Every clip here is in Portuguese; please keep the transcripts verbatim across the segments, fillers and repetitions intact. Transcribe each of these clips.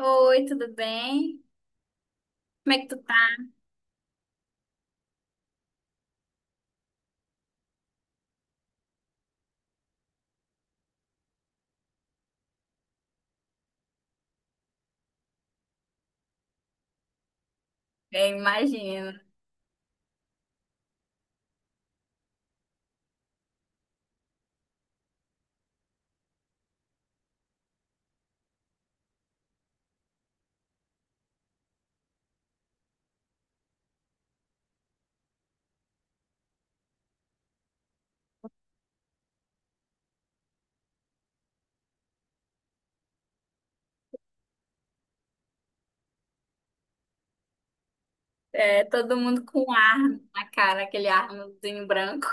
Oi, tudo bem? Como é que tu tá? Bem, imagino. É, todo mundo com um ar na cara, aquele arnozinho branco.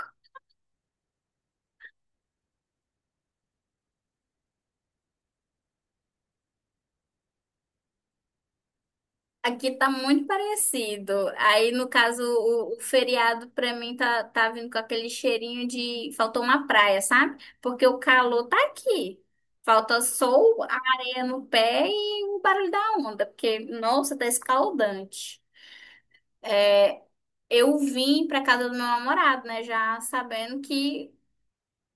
Aqui tá muito parecido. Aí, no caso, o, o feriado pra mim tá, tá vindo com aquele cheirinho de faltou uma praia, sabe? Porque o calor tá aqui. Falta sol, a areia no pé e o barulho da onda, porque, nossa, tá escaldante. Eu vim pra casa do meu namorado, né? Já sabendo que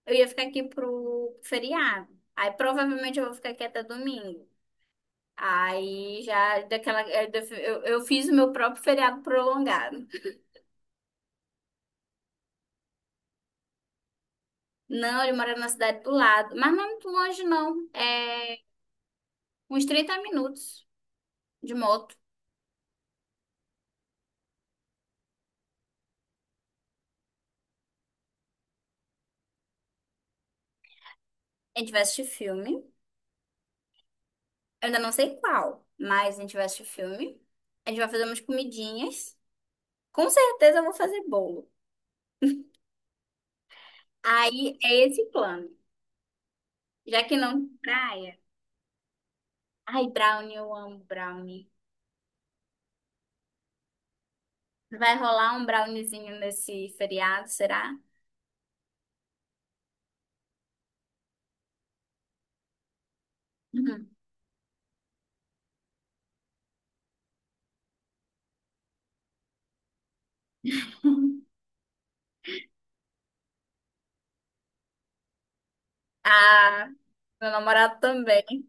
eu ia ficar aqui pro feriado. Aí provavelmente eu vou ficar aqui até domingo. Aí já daquela. Eu, eu eu fiz o meu próprio feriado prolongado. Não, ele mora na cidade do lado. Mas não é muito longe, não. É uns trinta minutos de moto. A gente vai assistir filme. Eu ainda não sei qual, mas a gente vai assistir filme. A gente vai fazer umas comidinhas. Com certeza eu vou fazer bolo. Aí é esse o plano. Já que não praia. Ai, brownie, eu amo brownie. Vai rolar um browniezinho nesse feriado, será? Uhum. Ah, meu namorado também.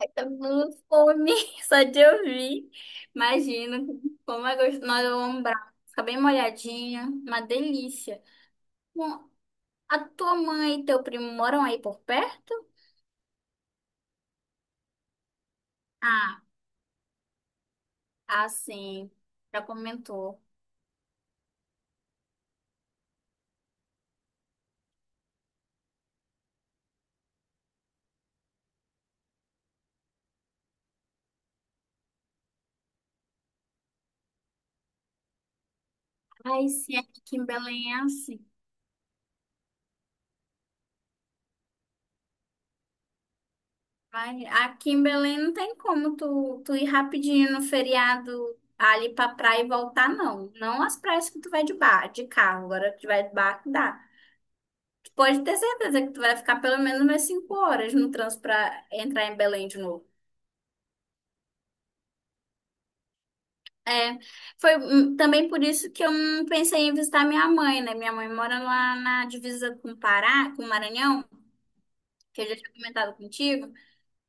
Ai, tô com fome, só de ouvir. Imagino como é gostoso. Nós vamos um brownie. Fica bem molhadinha, uma delícia. Bom, a tua mãe e teu primo moram aí por perto? Ah, ah, sim. Já comentou. Ai, sim, aqui em Belém é assim. Vai, aqui em Belém não tem como tu, tu ir rapidinho no feriado ali pra praia e voltar, não. Não as praias que tu vai de bar, de carro, agora que tu vai de barco dá. Tu pode ter certeza que tu vai ficar pelo menos umas cinco horas no trânsito pra entrar em Belém de novo. É, foi hum, também por isso que eu não pensei em visitar minha mãe, né? Minha mãe mora lá na divisa com o Pará, com o Maranhão, que eu já tinha comentado contigo.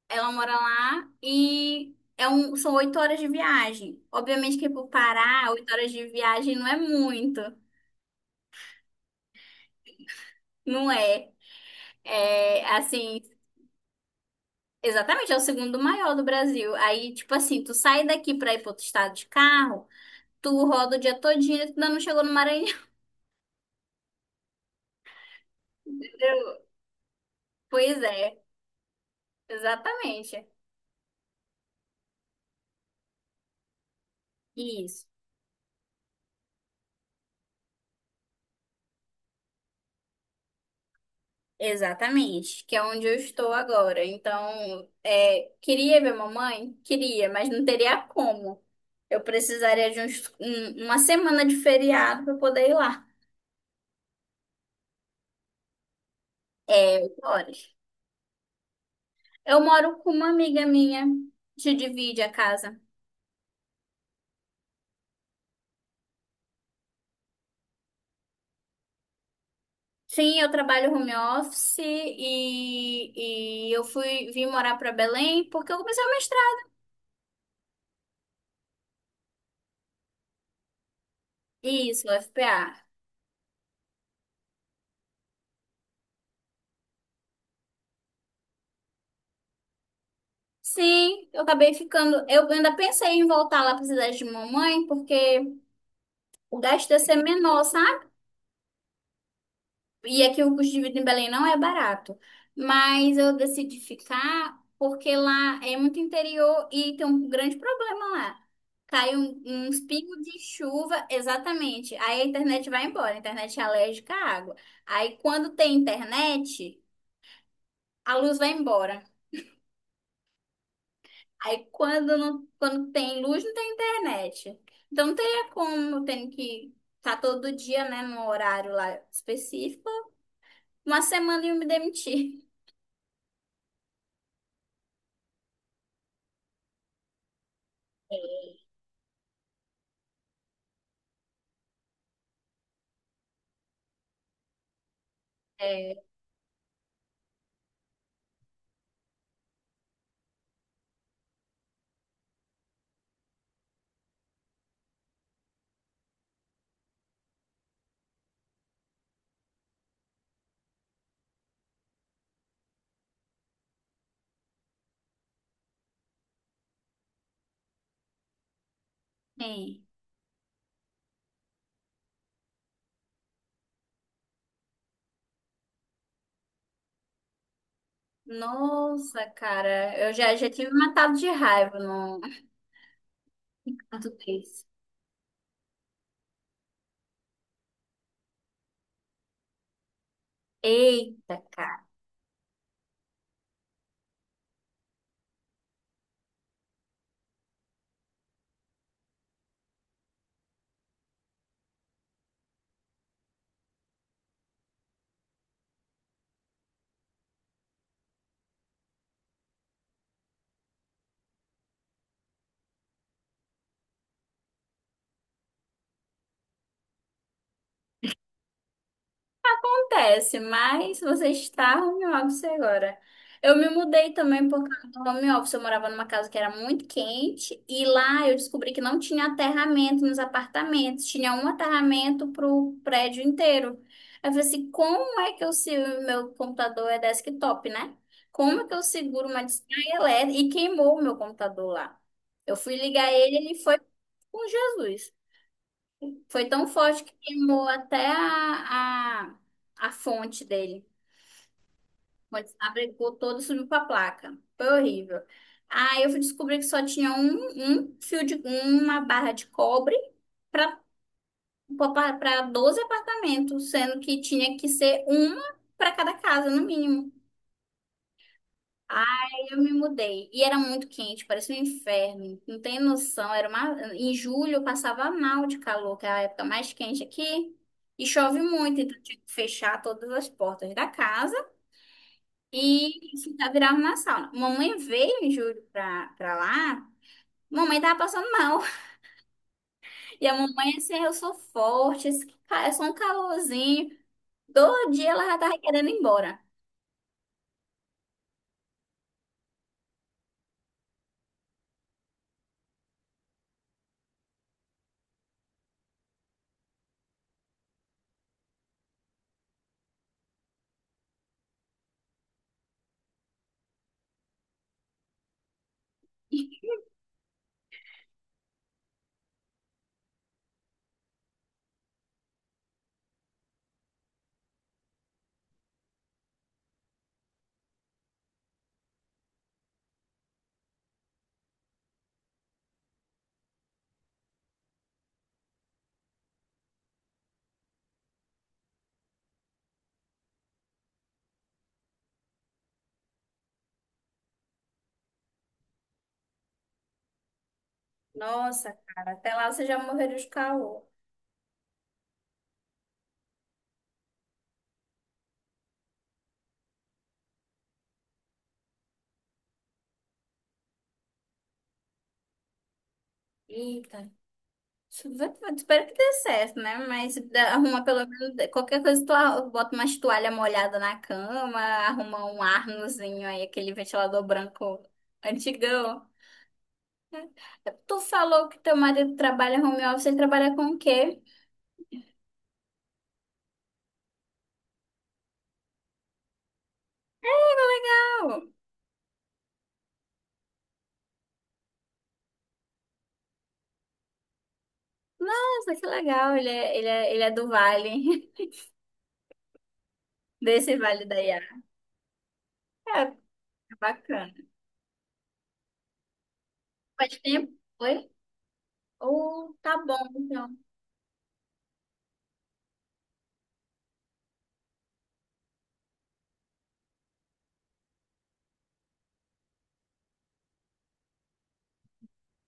Ela mora lá e é um, são oito horas de viagem. Obviamente que pro Pará, oito horas de viagem não é muito, não é? É assim, exatamente, é o segundo maior do Brasil. Aí, tipo assim, tu sai daqui pra ir pro outro estado de carro, tu roda o dia todinho e tu ainda não chegou no Maranhão. entendeu? Pois é, exatamente. Isso. Exatamente, que é onde eu estou agora. Então, é, queria ver mamãe? Queria, mas não teria como. Eu precisaria de uns, um- uma semana de feriado para poder ir lá. Horas. Eu moro com uma amiga minha, que divide a casa. Sim, eu trabalho home office e, e eu fui vim morar para Belém porque eu comecei a mestrar. Isso, o F P A. Sim, eu acabei ficando. Eu ainda pensei em voltar lá para cidade de mamãe porque o gasto ia ser menor, sabe? E aqui o custo de vida em Belém não é barato. Mas eu decidi ficar porque lá é muito interior e tem um grande problema lá. Cai um, uns pingos de chuva, exatamente. Aí a internet vai embora. A internet é alérgica à água. Aí quando tem internet, a luz vai embora. Aí quando, não, quando tem luz, não tem internet. Então não teria como, eu tenho que estar todo dia, né, num horário lá específico. Uma semana e eu me demitir. É, ei, nossa, cara, eu já, já tive matado de raiva no no três. Eita, cara. Acontece, mas você está home office agora. Eu me mudei também por causa do home office. Eu morava numa casa que era muito quente e lá eu descobri que não tinha aterramento nos apartamentos, tinha um aterramento para o prédio inteiro. Aí eu falei assim: como é que eu se o meu computador é desktop, né? Como é que eu seguro uma descarga elétrica? E queimou o meu computador lá. Eu fui ligar ele, ele foi com Jesus. Foi tão forte que queimou até a, a, a fonte dele. Quando abrigou todo, subiu para a placa. Foi horrível. Aí eu fui descobrir que só tinha um, um fio de uma barra de cobre para para doze apartamentos, sendo que tinha que ser uma para cada casa, no mínimo. Aí eu me mudei. E era muito quente, parecia um inferno. Não tem noção. Era uma... Em julho eu passava mal de calor, que é a época mais quente aqui. E chove muito, então eu tinha que fechar todas as portas da casa e ficar virava uma sauna. Mamãe veio em julho pra, pra lá, mamãe tava passando mal. E a mamãe assim, "Ah, eu sou forte, esse ca- é só um calorzinho. Todo dia ela já tava querendo ir embora. Nossa, cara, até lá você já morreria de calor. Eita. Isso vai- Espero que dê certo, né? Mas dá- arruma pelo menos qualquer coisa, tu arru- bota umas toalha molhada na cama, arruma um arnozinho aí, aquele ventilador branco antigão. Tu falou que teu marido trabalha home office, ele trabalha com o quê? Legal. Nossa, que legal, ele é, ele é, ele é do Vale, desse Vale da Iara. É, bacana. Faz tempo, foi? Oh, tá bom, então.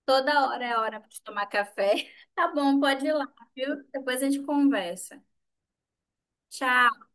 Toda hora é hora para tomar café. Tá bom, pode ir lá, viu? Depois a gente conversa. Tchau.